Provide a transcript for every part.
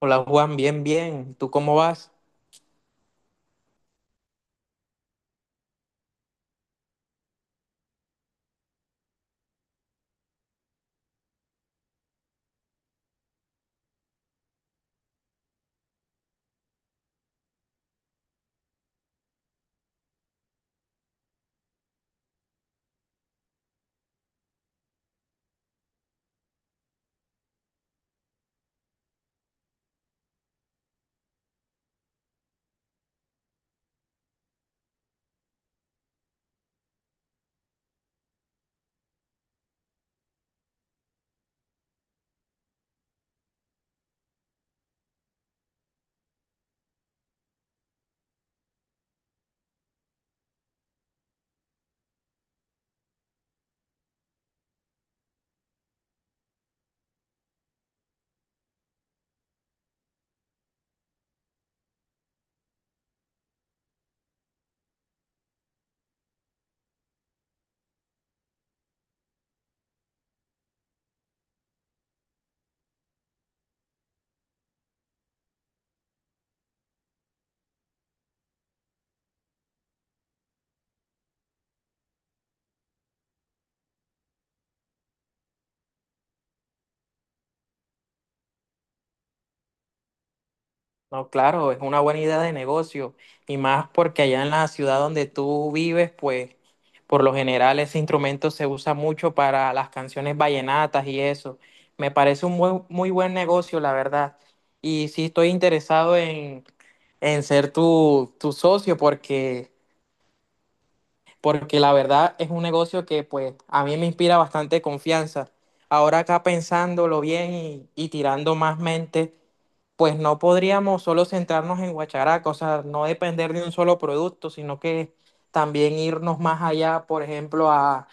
Hola Juan, bien, bien. ¿Tú cómo vas? No, claro, es una buena idea de negocio y más porque allá en la ciudad donde tú vives, pues por lo general ese instrumento se usa mucho para las canciones vallenatas y eso. Me parece un muy buen negocio, la verdad. Y sí estoy interesado en ser tu socio porque la verdad es un negocio que pues a mí me inspira bastante confianza. Ahora acá pensándolo bien y tirando más mente, pues no podríamos solo centrarnos en Guacharaca, o sea, no depender de un solo producto, sino que también irnos más allá, por ejemplo, a,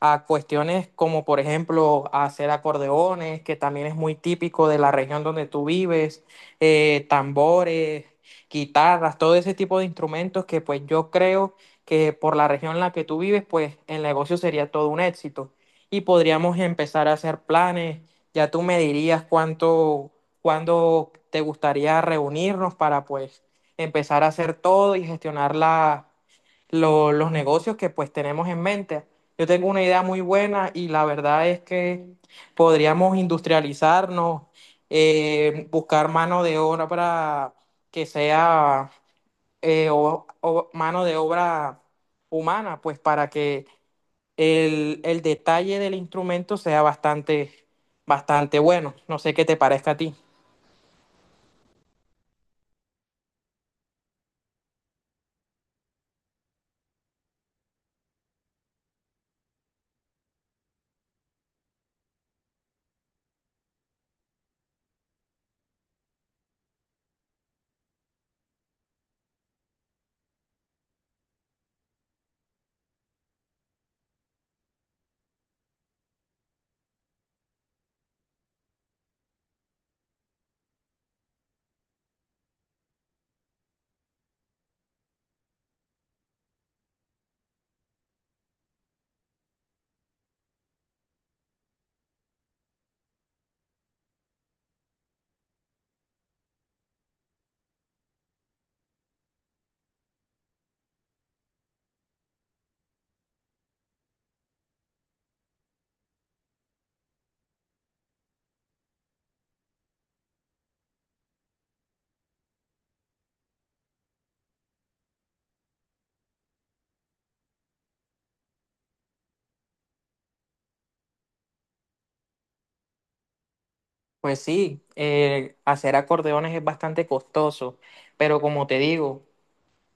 a cuestiones como, por ejemplo, hacer acordeones, que también es muy típico de la región donde tú vives, tambores, guitarras, todo ese tipo de instrumentos que pues yo creo que por la región en la que tú vives, pues el negocio sería todo un éxito. Y podríamos empezar a hacer planes. Ya tú me dirías cuánto cuándo te gustaría reunirnos para pues empezar a hacer todo y gestionar los negocios que pues tenemos en mente. Yo tengo una idea muy buena y la verdad es que podríamos industrializarnos, buscar mano de obra para que sea mano de obra humana, pues para que el detalle del instrumento sea bastante, bastante bueno. No sé qué te parezca a ti. Pues sí, hacer acordeones es bastante costoso, pero como te digo,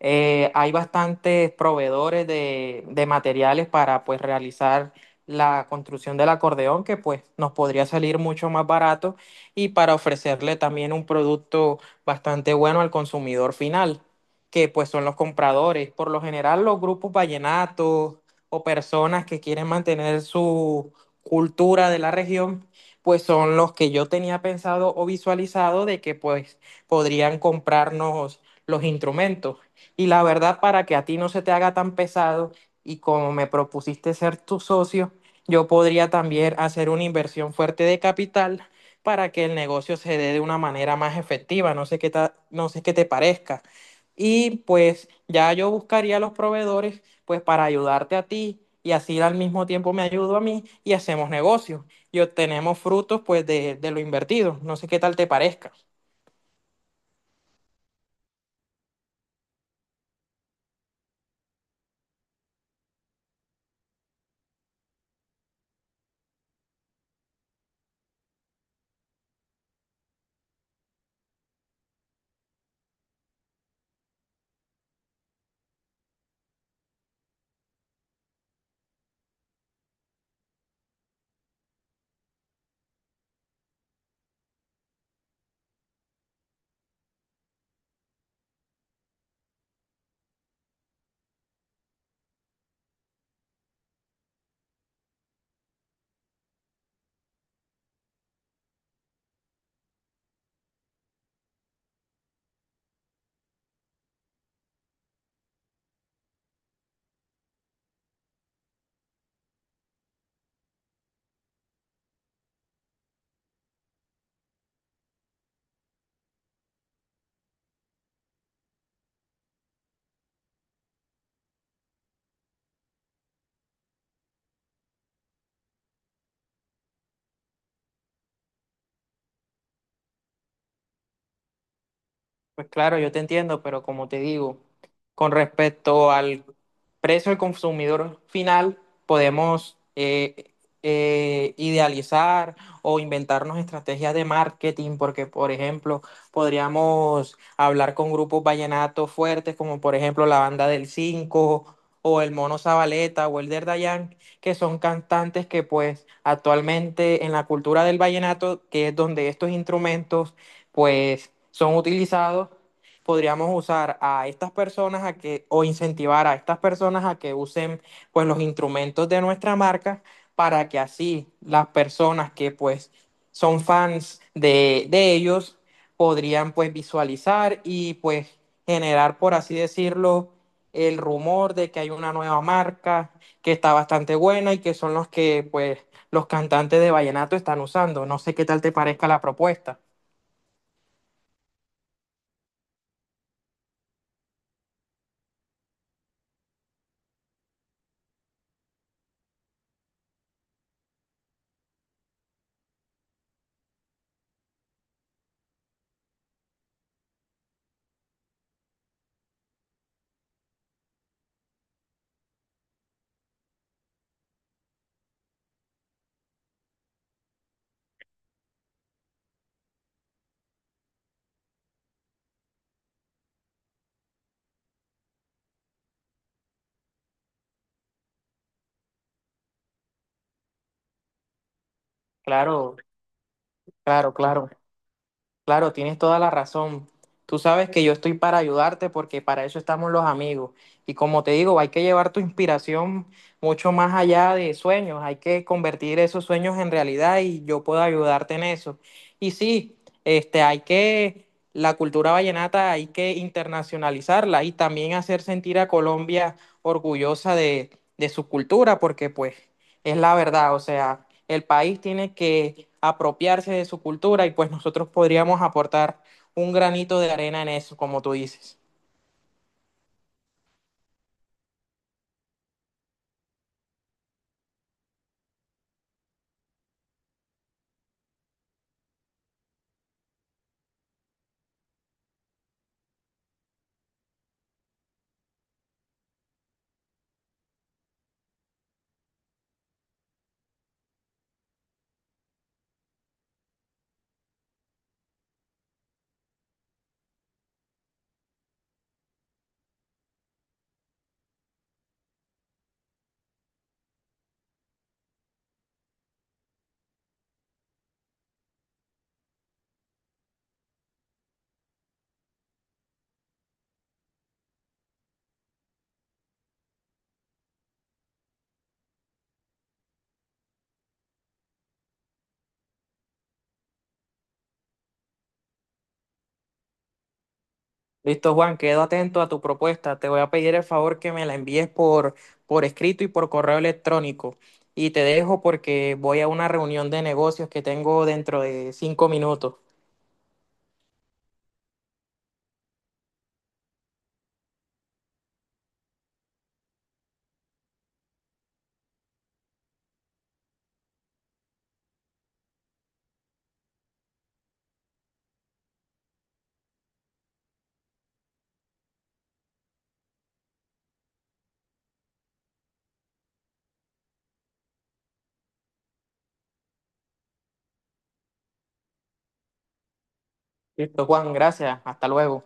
hay bastantes proveedores de materiales para pues realizar la construcción del acordeón que pues nos podría salir mucho más barato y para ofrecerle también un producto bastante bueno al consumidor final, que pues son los compradores. Por lo general los grupos vallenatos o personas que quieren mantener su cultura de la región, pues son los que yo tenía pensado o visualizado de que pues podrían comprarnos los instrumentos. Y la verdad, para que a ti no se te haga tan pesado y como me propusiste ser tu socio, yo podría también hacer una inversión fuerte de capital para que el negocio se dé de una manera más efectiva. No sé qué te parezca. Y pues ya yo buscaría a los proveedores pues para ayudarte a ti y así al mismo tiempo me ayudo a mí y hacemos negocios y obtenemos frutos pues de lo invertido. No sé qué tal te parezca. Pues claro, yo te entiendo, pero como te digo, con respecto al precio del consumidor final, podemos idealizar o inventarnos estrategias de marketing, porque por ejemplo, podríamos hablar con grupos vallenatos fuertes, como por ejemplo la Banda del 5 o el Mono Zabaleta o el Dayan, que son cantantes que pues actualmente en la cultura del vallenato, que es donde estos instrumentos pues son utilizados, podríamos usar a estas personas a que, o incentivar a estas personas a que usen pues los instrumentos de nuestra marca para que así las personas que pues son fans de ellos podrían pues visualizar y pues generar, por así decirlo, el rumor de que hay una nueva marca que está bastante buena y que son los que pues los cantantes de vallenato están usando. No sé qué tal te parezca la propuesta. Claro, claro, claro, claro, tienes toda la razón. Tú sabes que yo estoy para ayudarte porque para eso estamos los amigos. Y como te digo, hay que llevar tu inspiración mucho más allá de sueños, hay que convertir esos sueños en realidad y yo puedo ayudarte en eso. Y sí, este, hay que, la cultura vallenata hay que internacionalizarla y también hacer sentir a Colombia orgullosa de su cultura porque pues es la verdad, o sea, el país tiene que apropiarse de su cultura y pues nosotros podríamos aportar un granito de arena en eso, como tú dices. Listo, Juan, quedo atento a tu propuesta. Te voy a pedir el favor que me la envíes por escrito y por correo electrónico. Y te dejo porque voy a una reunión de negocios que tengo dentro de 5 minutos. Listo, Juan, gracias. Hasta luego.